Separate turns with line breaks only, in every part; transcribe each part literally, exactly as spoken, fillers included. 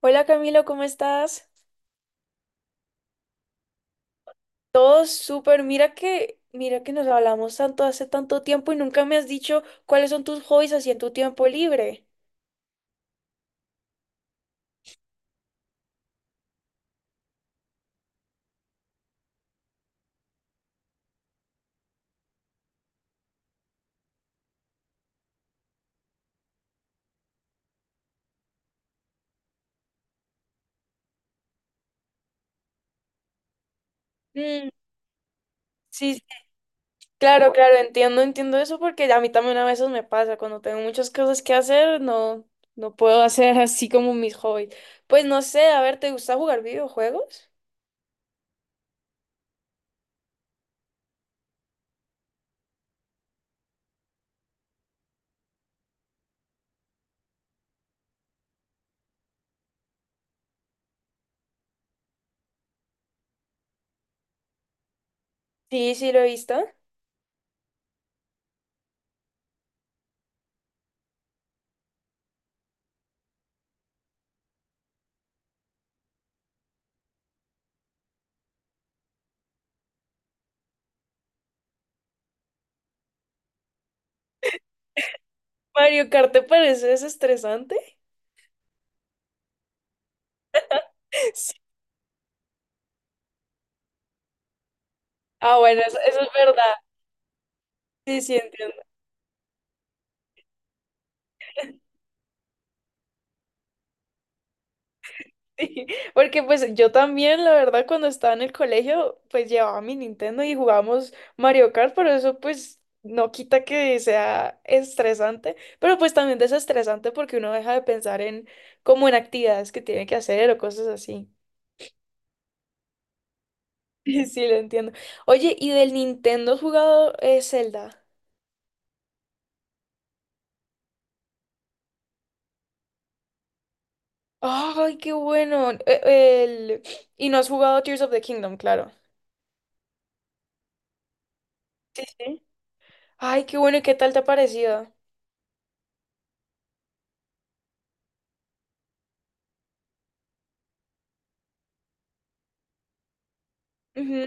Hola Camilo, ¿cómo estás? Todo súper. Mira que, mira que nos hablamos tanto hace tanto tiempo y nunca me has dicho cuáles son tus hobbies así en tu tiempo libre. Mm, sí, sí, claro, claro, entiendo, entiendo eso porque a mí también a veces me pasa. Cuando tengo muchas cosas que hacer, no, no puedo hacer así como mis hobbies. Pues no sé, a ver, ¿te gusta jugar videojuegos? Sí, sí, lo he visto. Mario Kart, ¿te parece desestresante? Sí. Ah, bueno, eso, eso es verdad. Sí, sí, entiendo. Sí, porque pues yo también, la verdad, cuando estaba en el colegio, pues llevaba mi Nintendo y jugábamos Mario Kart, pero eso pues no quita que sea estresante, pero pues también desestresante porque uno deja de pensar en como en actividades que tiene que hacer o cosas así. Sí, lo entiendo. Oye, ¿y del Nintendo has jugado eh, Zelda? Ay, qué bueno. E- el- Y no has jugado Tears of the Kingdom, claro. Sí, sí. Ay, qué bueno, ¿y qué tal te ha parecido? Ujú.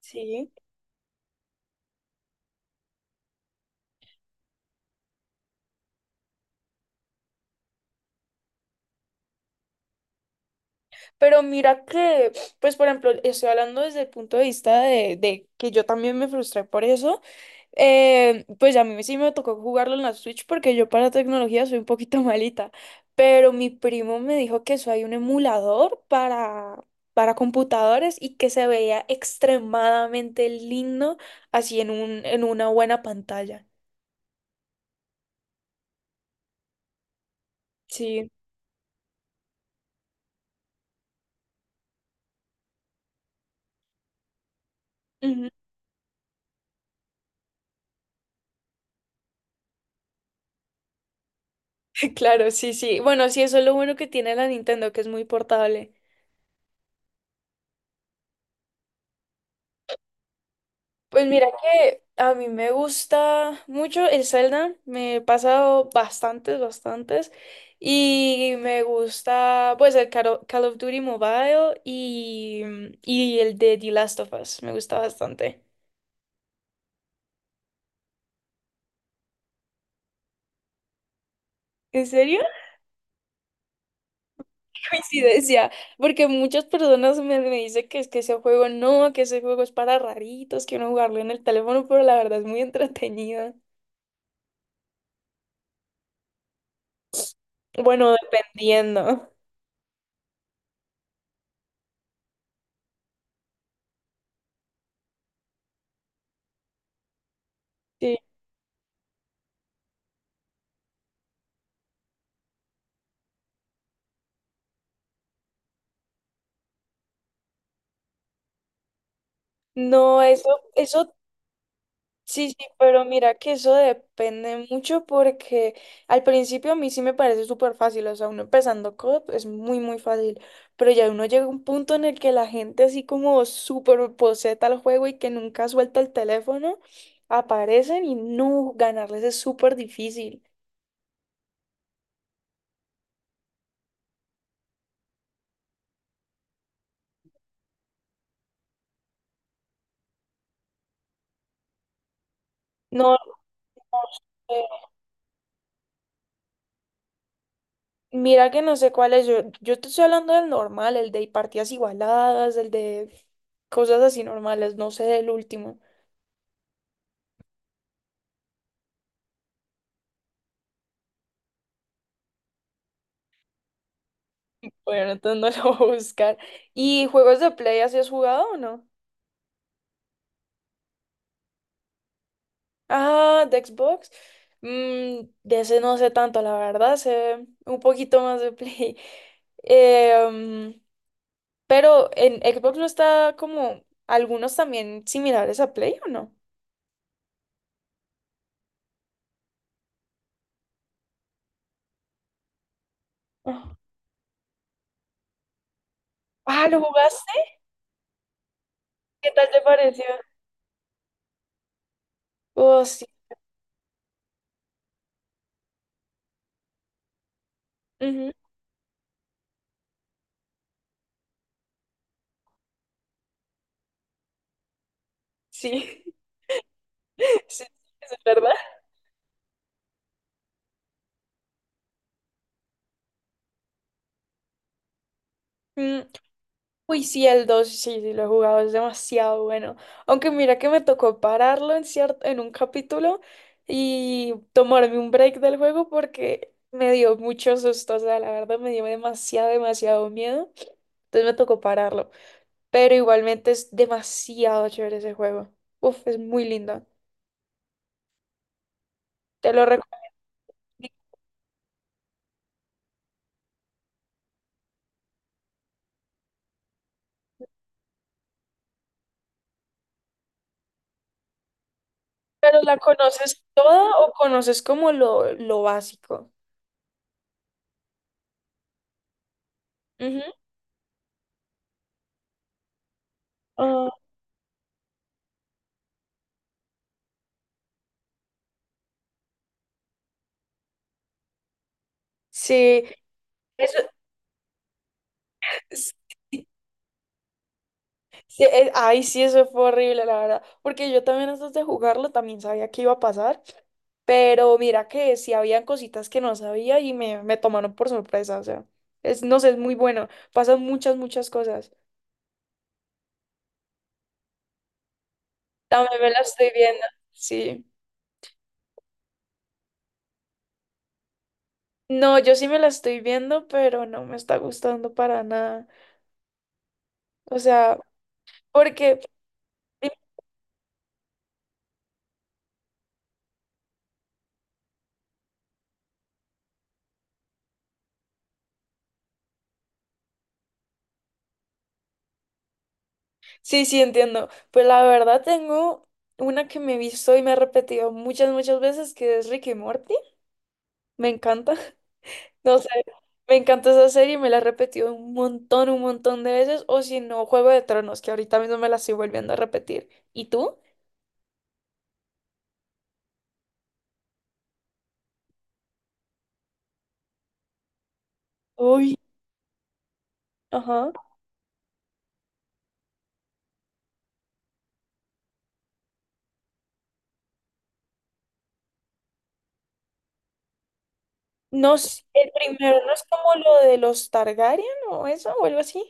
Sí. Pero mira que, pues por ejemplo, estoy hablando desde el punto de vista de, de que yo también me frustré por eso. eh, pues a mí sí me tocó jugarlo en la Switch porque yo para tecnología soy un poquito malita. Pero mi primo me dijo que eso hay un emulador para, para computadores y que se veía extremadamente lindo así en un, en una buena pantalla. Sí. Ujú. Claro, sí, sí. Bueno, sí, eso es lo bueno que tiene la Nintendo, que es muy portable. Pues mira que a mí me gusta mucho el Zelda, me he pasado bastantes, bastantes, y me gusta pues el Caro- Call of Duty Mobile y, mm, y el de The Last of Us, me gusta bastante. ¿En serio? Coincidencia, porque muchas personas me, me dicen que es que ese juego no, que ese juego es para raritos, que uno jugarlo en el teléfono, pero la verdad es muy entretenido. Bueno, dependiendo. Sí. No, eso, eso. Sí, sí, pero mira que eso depende mucho porque al principio a mí sí me parece súper fácil, o sea, uno empezando code es muy, muy fácil, pero ya uno llega a un punto en el que la gente así como súper poseta al juego y que nunca suelta el teléfono, aparecen y no, ganarles es súper difícil. No, no sé, mira que no sé cuál es, yo, yo te estoy hablando del normal, el de partidas igualadas, el de cosas así normales, no sé del último. Bueno, entonces no lo voy a buscar. ¿Y juegos de Play así has jugado o no? Ah, de Xbox. Mm, de ese no sé tanto, la verdad, sé un poquito más de Play. Eh, mm, pero en Xbox no está como algunos también similares a Play, ¿o no? Ah. Ah, ¿lo jugaste? ¿Qué tal te pareció? Oh, sí. Ujú. Sí, sí, eso es verdad. Mm. Uy, sí, el dos sí, sí, lo he jugado, es demasiado bueno. Aunque mira que me tocó pararlo en cierto, en un capítulo y tomarme un break del juego porque me dio mucho susto, o sea, la verdad me dio demasiado, demasiado miedo. Entonces me tocó pararlo. Pero igualmente es demasiado chévere ese juego. Uf, es muy lindo. Te lo recomiendo. ¿Pero la conoces toda o conoces como lo, lo básico? Ujú. Ah, sí, eso es. Sí, eh, ay, sí, eso fue horrible, la verdad. Porque yo también antes de jugarlo también sabía que iba a pasar. Pero mira que sí habían cositas que no sabía y me, me tomaron por sorpresa. O sea, es, no sé, es muy bueno. Pasan muchas, muchas cosas. También me la estoy viendo. Sí. No, yo sí me la estoy viendo, pero no me está gustando para nada. O sea, porque... Sí, sí, entiendo. Pues la verdad tengo una que me he visto y me he repetido muchas, muchas veces, que es Ricky Morty. Me encanta. No sé, me encanta esa serie, me la he repetido un montón, un montón de veces, o si no, Juego de Tronos, que ahorita mismo me la estoy volviendo a repetir. ¿Y tú? Uy, ajá. No sé, el primero no es como lo de los Targaryen o eso, o algo así,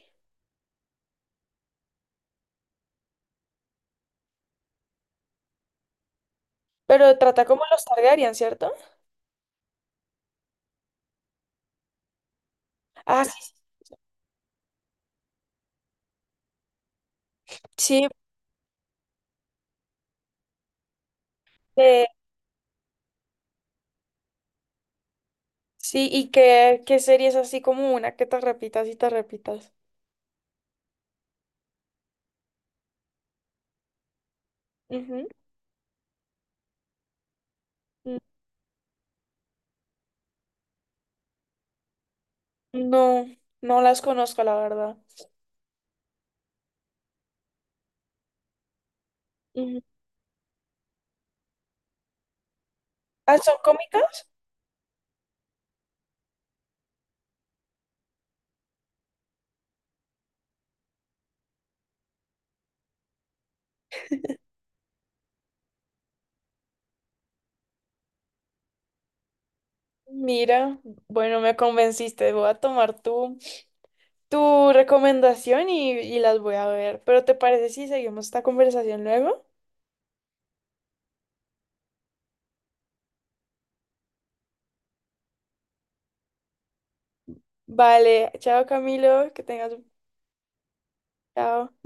pero trata como los Targaryen, ¿cierto? Ah, sí, sí, eh, sí, y qué, qué serie es así como una que te repitas y te repitas. Ujú. N- No, no las conozco, la verdad. Ujú. Ah, son cómicas. Mira, bueno, me convenciste. Voy a tomar tu, tu recomendación y, y las voy a ver. Pero ¿te parece si seguimos esta conversación luego? Vale, chao Camilo, que tengas... un... Chao.